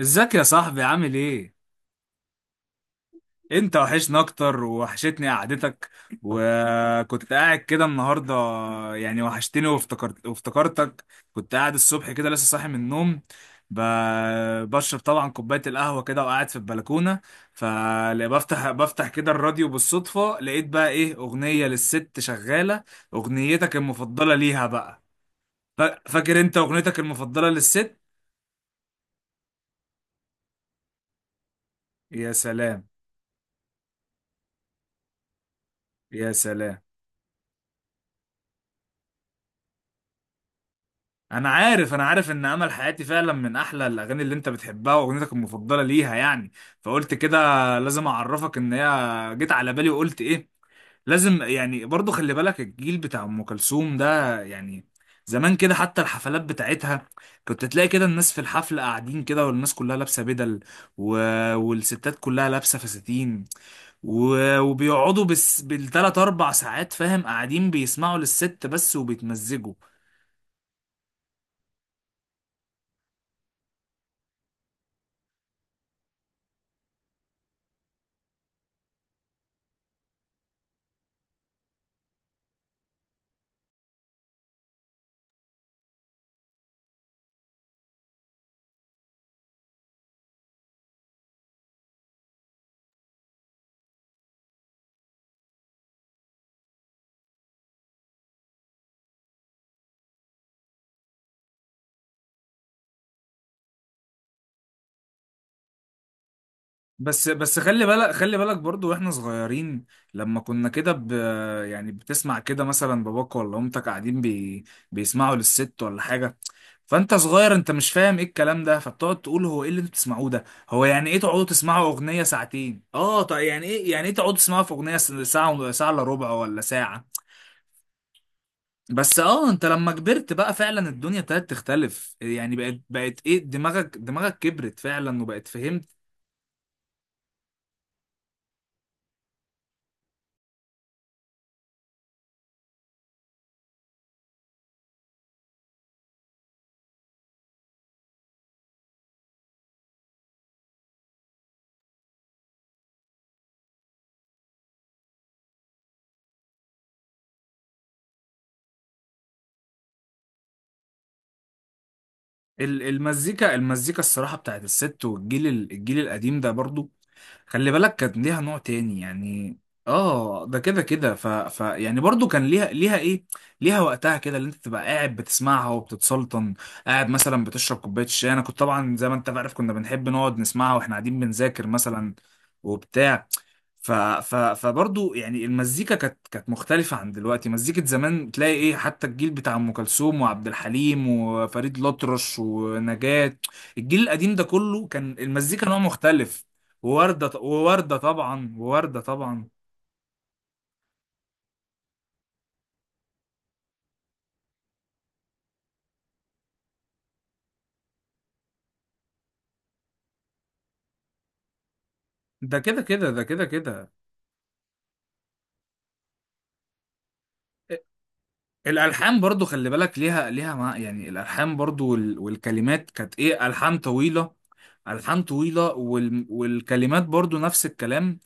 ازيك يا صاحبي عامل ايه؟ انت وحشنا اكتر ووحشتني قعدتك، وكنت قاعد كده النهارده، يعني وحشتني وافتكرت وافتكرتك. كنت قاعد الصبح كده لسه صاحي من النوم، ب... بشرب طبعا كوباية القهوة كده وقاعد في البلكونة. فبفتح كده الراديو بالصدفة، لقيت بقى ايه اغنية للست شغالة، اغنيتك المفضلة ليها بقى. فاكر انت اغنيتك المفضلة للست؟ يا سلام. يا سلام، انا عارف ان امل حياتي فعلا من احلى الاغاني اللي انت بتحبها واغنيتك المفضله ليها يعني. فقلت كده لازم اعرفك ان هي جيت على بالي وقلت ايه، لازم يعني برضو خلي بالك الجيل بتاع ام كلثوم ده يعني زمان كده، حتى الحفلات بتاعتها كنت تلاقي كده الناس في الحفله قاعدين كده، والناس كلها لابسه بدل، و... والستات كلها لابسه فساتين، وبيقعدوا بالتلات اربع ساعات فاهم، قاعدين بيسمعوا للست بس وبيتمزجوا. بس خلي بالك، خلي بالك برضو واحنا صغيرين، لما كنا كده يعني بتسمع كده مثلا باباك ولا امتك قاعدين بيسمعوا للست ولا حاجه، فانت صغير انت مش فاهم ايه الكلام ده، فبتقعد تقول هو ايه اللي انتوا بتسمعوه ده، هو يعني ايه تقعدوا تسمعوا اغنيه ساعتين، اه طيب يعني ايه، يعني ايه تقعدوا تسمعوا في اغنيه ساعه ساعه الا ربع ولا ساعه. بس اه انت لما كبرت بقى فعلا الدنيا ابتدت تختلف، يعني بقت بقت ايه، دماغك كبرت فعلا وبقت فهمت. المزيكا، المزيكا الصراحة بتاعت الست والجيل، الجيل القديم ده برضو خلي بالك كانت ليها نوع تاني يعني. اه ده كده كده، ف... ف يعني برضو كان ليها ليها ايه، ليها وقتها كده اللي انت تبقى قاعد بتسمعها وبتتسلطن، قاعد مثلا بتشرب كوباية شاي. انا كنت طبعا زي ما انت عارف كنا بنحب نقعد نسمعها واحنا قاعدين بنذاكر مثلا وبتاع. ف ف فبرضه يعني المزيكا كانت كانت مختلفة عن دلوقتي، مزيكة زمان تلاقي ايه حتى الجيل بتاع ام كلثوم وعبد الحليم وفريد الأطرش ونجاة، الجيل القديم ده كله كان المزيكا نوع مختلف. ووردة، ووردة طبعا. ده كده كده، ده كده كده. الالحان برضو خلي بالك ليها ليها مع يعني، الالحان برضو والكلمات كانت ايه، الحان طويله، الحان طويله والكلمات برضو نفس الكلام،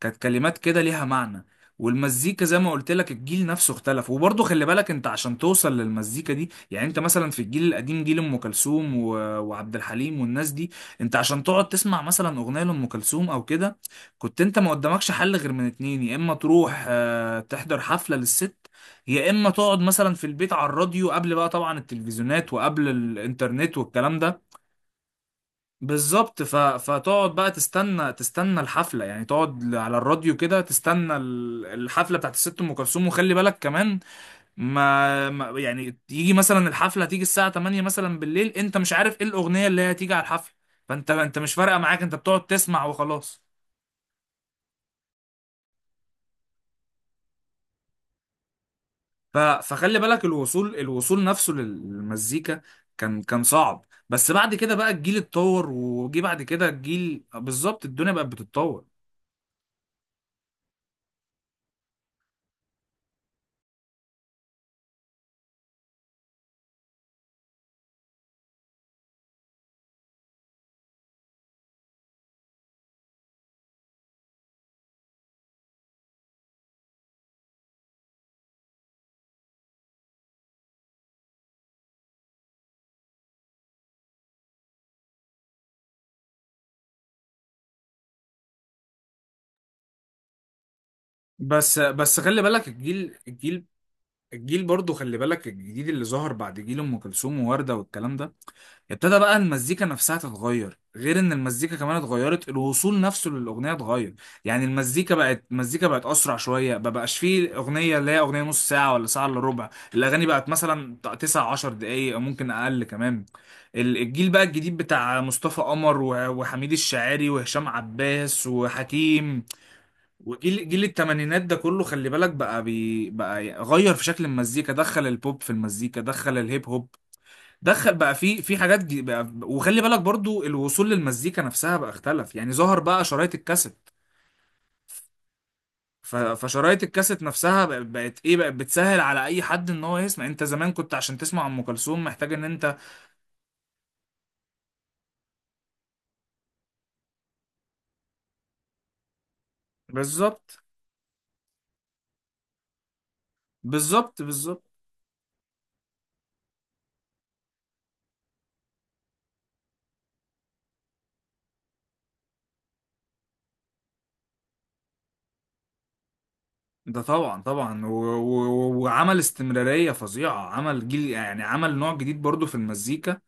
كانت كلمات كده ليها معنى. والمزيكا زي ما قلت لك الجيل نفسه اختلف، وبرضه خلي بالك انت عشان توصل للمزيكا دي يعني، انت مثلا في الجيل القديم جيل ام كلثوم وعبد الحليم والناس دي، انت عشان تقعد تسمع مثلا اغنيه لام كلثوم او كده، كنت انت ما قدامكش حل غير من اتنين، يا اما تروح آه، تحضر حفله للست، يا اما تقعد مثلا في البيت على الراديو، قبل بقى طبعا التلفزيونات وقبل الانترنت والكلام ده. بالظبط، فتقعد بقى تستنى، تستنى الحفله يعني، تقعد على الراديو كده تستنى الحفله بتاعت الست ام كلثوم، وخلي بالك كمان ما يعني يجي مثلا الحفله، تيجي الساعه 8 مثلا بالليل انت مش عارف ايه الاغنيه اللي هي هتيجي على الحفله، فانت مش فارقه معاك، انت بتقعد تسمع وخلاص. فخلي بالك الوصول، الوصول نفسه للمزيكا كان كان صعب، بس بعد كده بقى الجيل اتطور، وجي بعد كده الجيل بالظبط الدنيا بقت بتتطور. بس خلي بالك الجيل، الجيل برضه خلي بالك الجديد اللي ظهر بعد جيل ام كلثوم ووردة والكلام ده، ابتدى بقى المزيكا نفسها تتغير، غير ان المزيكا كمان اتغيرت الوصول نفسه للاغنيه اتغير، يعني المزيكا بقت، المزيكا بقت اسرع شويه، ما بقاش فيه اغنيه اللي هي اغنيه نص ساعه ولا ساعه الا ربع، الاغاني بقت مثلا 9 10 دقائق او ممكن اقل كمان. الجيل بقى الجديد بتاع مصطفى قمر وحميد الشاعري وهشام عباس وحكيم، وجيل جيل الثمانينات ده كله خلي بالك بقى بقى غير في شكل المزيكا، دخل البوب في المزيكا، دخل الهيب هوب، دخل بقى في في حاجات بقى. وخلي بالك برضو الوصول للمزيكا نفسها بقى اختلف، يعني ظهر بقى شرايط الكاسيت. فشرايط الكاسيت نفسها بقت ايه، بقت بتسهل على اي حد ان هو يسمع، انت زمان كنت عشان تسمع ام كلثوم محتاج ان انت. بالظبط، بالظبط بالظبط. ده طبعا طبعا، وعمل استمرارية فظيعة، عمل جيل يعني، عمل نوع جديد برضو في المزيكا،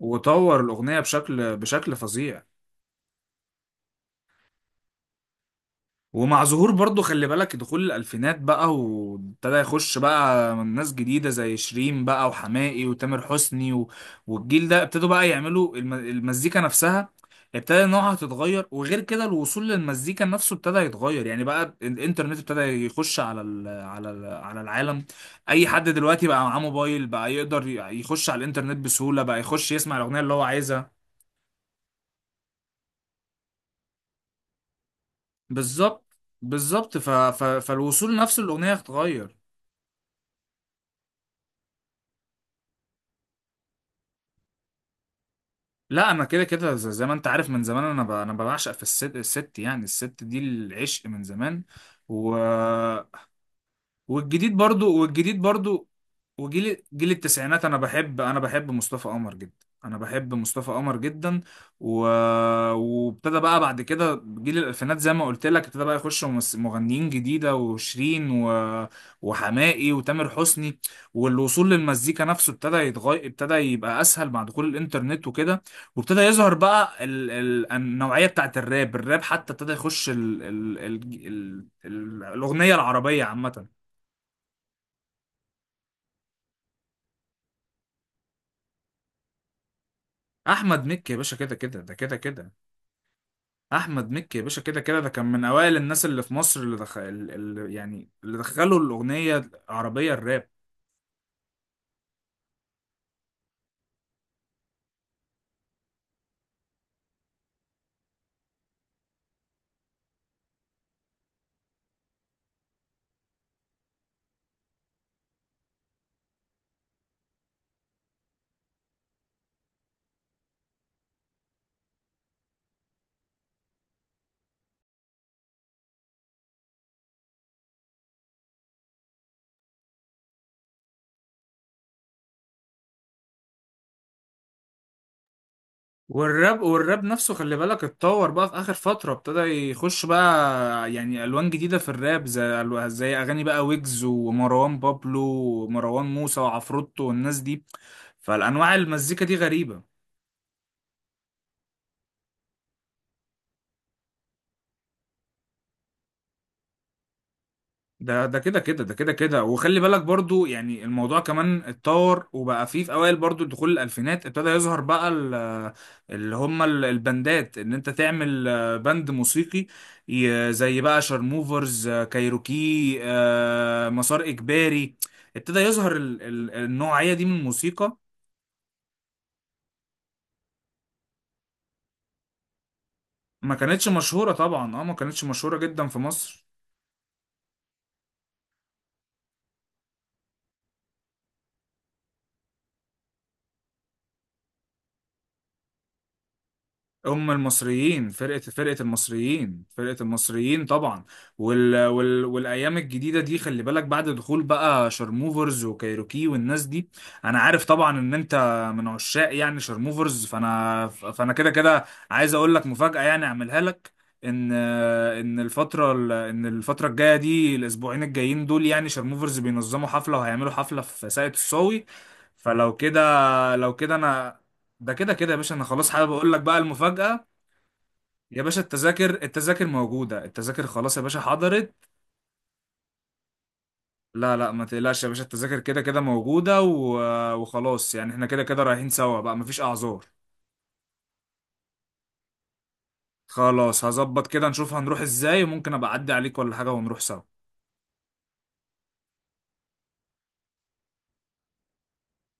وطور الأغنية بشكل، بشكل فظيع. ومع ظهور برضو خلي بالك دخول الألفينات بقى، وابتدى يخش بقى ناس جديدة زي شيرين بقى وحماقي وتامر حسني والجيل ده ابتدوا بقى يعملوا المزيكا نفسها، ابتدى نوعها تتغير، وغير كده الوصول للمزيكا نفسه ابتدى يتغير، يعني بقى الانترنت ابتدى يخش على ال... على ال... على العالم، اي حد دلوقتي بقى معاه موبايل بقى يقدر يخش على الانترنت بسهولة، بقى يخش يسمع الأغنية اللي هو عايزها. بالظبط، بالظبط، فالوصول نفسه الأغنية اتغير. لا انا كده كده، زي ما انت عارف من زمان انا انا بعشق في الست، الست يعني، الست دي العشق من زمان. و والجديد برضو والجديد برضو وجيل جيل التسعينات، انا بحب مصطفى قمر جدا، انا بحب مصطفى قمر جدا. و... وابتدى بقى بعد كده جيل الالفينات زي ما قلت لك، ابتدى بقى يخش مغنيين جديده، وشيرين وحماقي وتامر حسني، والوصول للمزيكا نفسه ابتدى يتغير، ابتدى يبقى اسهل مع دخول الانترنت وكده، وابتدى يظهر بقى النوعيه بتاعت الراب، الراب حتى ابتدى يخش الاغنيه العربيه عامه. احمد مكي يا باشا، كده كده ده، كده كده. احمد مكي يا باشا كده كده ده، كان من اوائل الناس اللي في مصر اللي دخل، اللي يعني اللي دخلوا الاغنيه العربيه الراب. والراب نفسه خلي بالك اتطور بقى في اخر فتره، ابتدى يخش بقى يعني الوان جديده في الراب، زي زي اغاني بقى ويجز ومروان بابلو ومروان موسى وعفروتو والناس دي، فالانواع المزيكا دي غريبه. ده ده كده كده، ده كده كده. وخلي بالك برضو يعني الموضوع كمان اتطور، وبقى فيه في اوائل برضو دخول الالفينات ابتدى يظهر بقى اللي هم البندات، ان انت تعمل آه، بند موسيقي، زي بقى شارموفرز آه، كايروكي آه، مسار اجباري، ابتدى يظهر النوعية دي من الموسيقى. ما كانتش مشهورة طبعا، اه ما كانتش مشهورة جدا في مصر. هم المصريين، فرقة المصريين، فرقة المصريين طبعا. والأيام الجديدة دي خلي بالك بعد دخول بقى شارموفرز وكايروكي والناس دي، أنا عارف طبعا إن أنت من عشاق يعني شارموفرز، فأنا كده كده عايز أقول لك مفاجأة يعني أعملها لك. إن إن الفترة الجاية دي الأسبوعين الجايين دول، يعني شارموفرز بينظموا حفلة، وهيعملوا حفلة في ساقية الصاوي، فلو كده، لو كده أنا. ده كده كده يا باشا، انا خلاص حابب اقول لك بقى المفاجأة. يا باشا التذاكر، التذاكر موجودة، التذاكر خلاص يا باشا حضرت. لا لا ما تقلقش يا باشا، التذاكر كده كده موجودة وخلاص، يعني احنا كده كده رايحين سوا بقى مفيش اعذار. خلاص هظبط كده نشوف هنروح ازاي، وممكن ابقى اعدي عليك ولا حاجة ونروح سوا.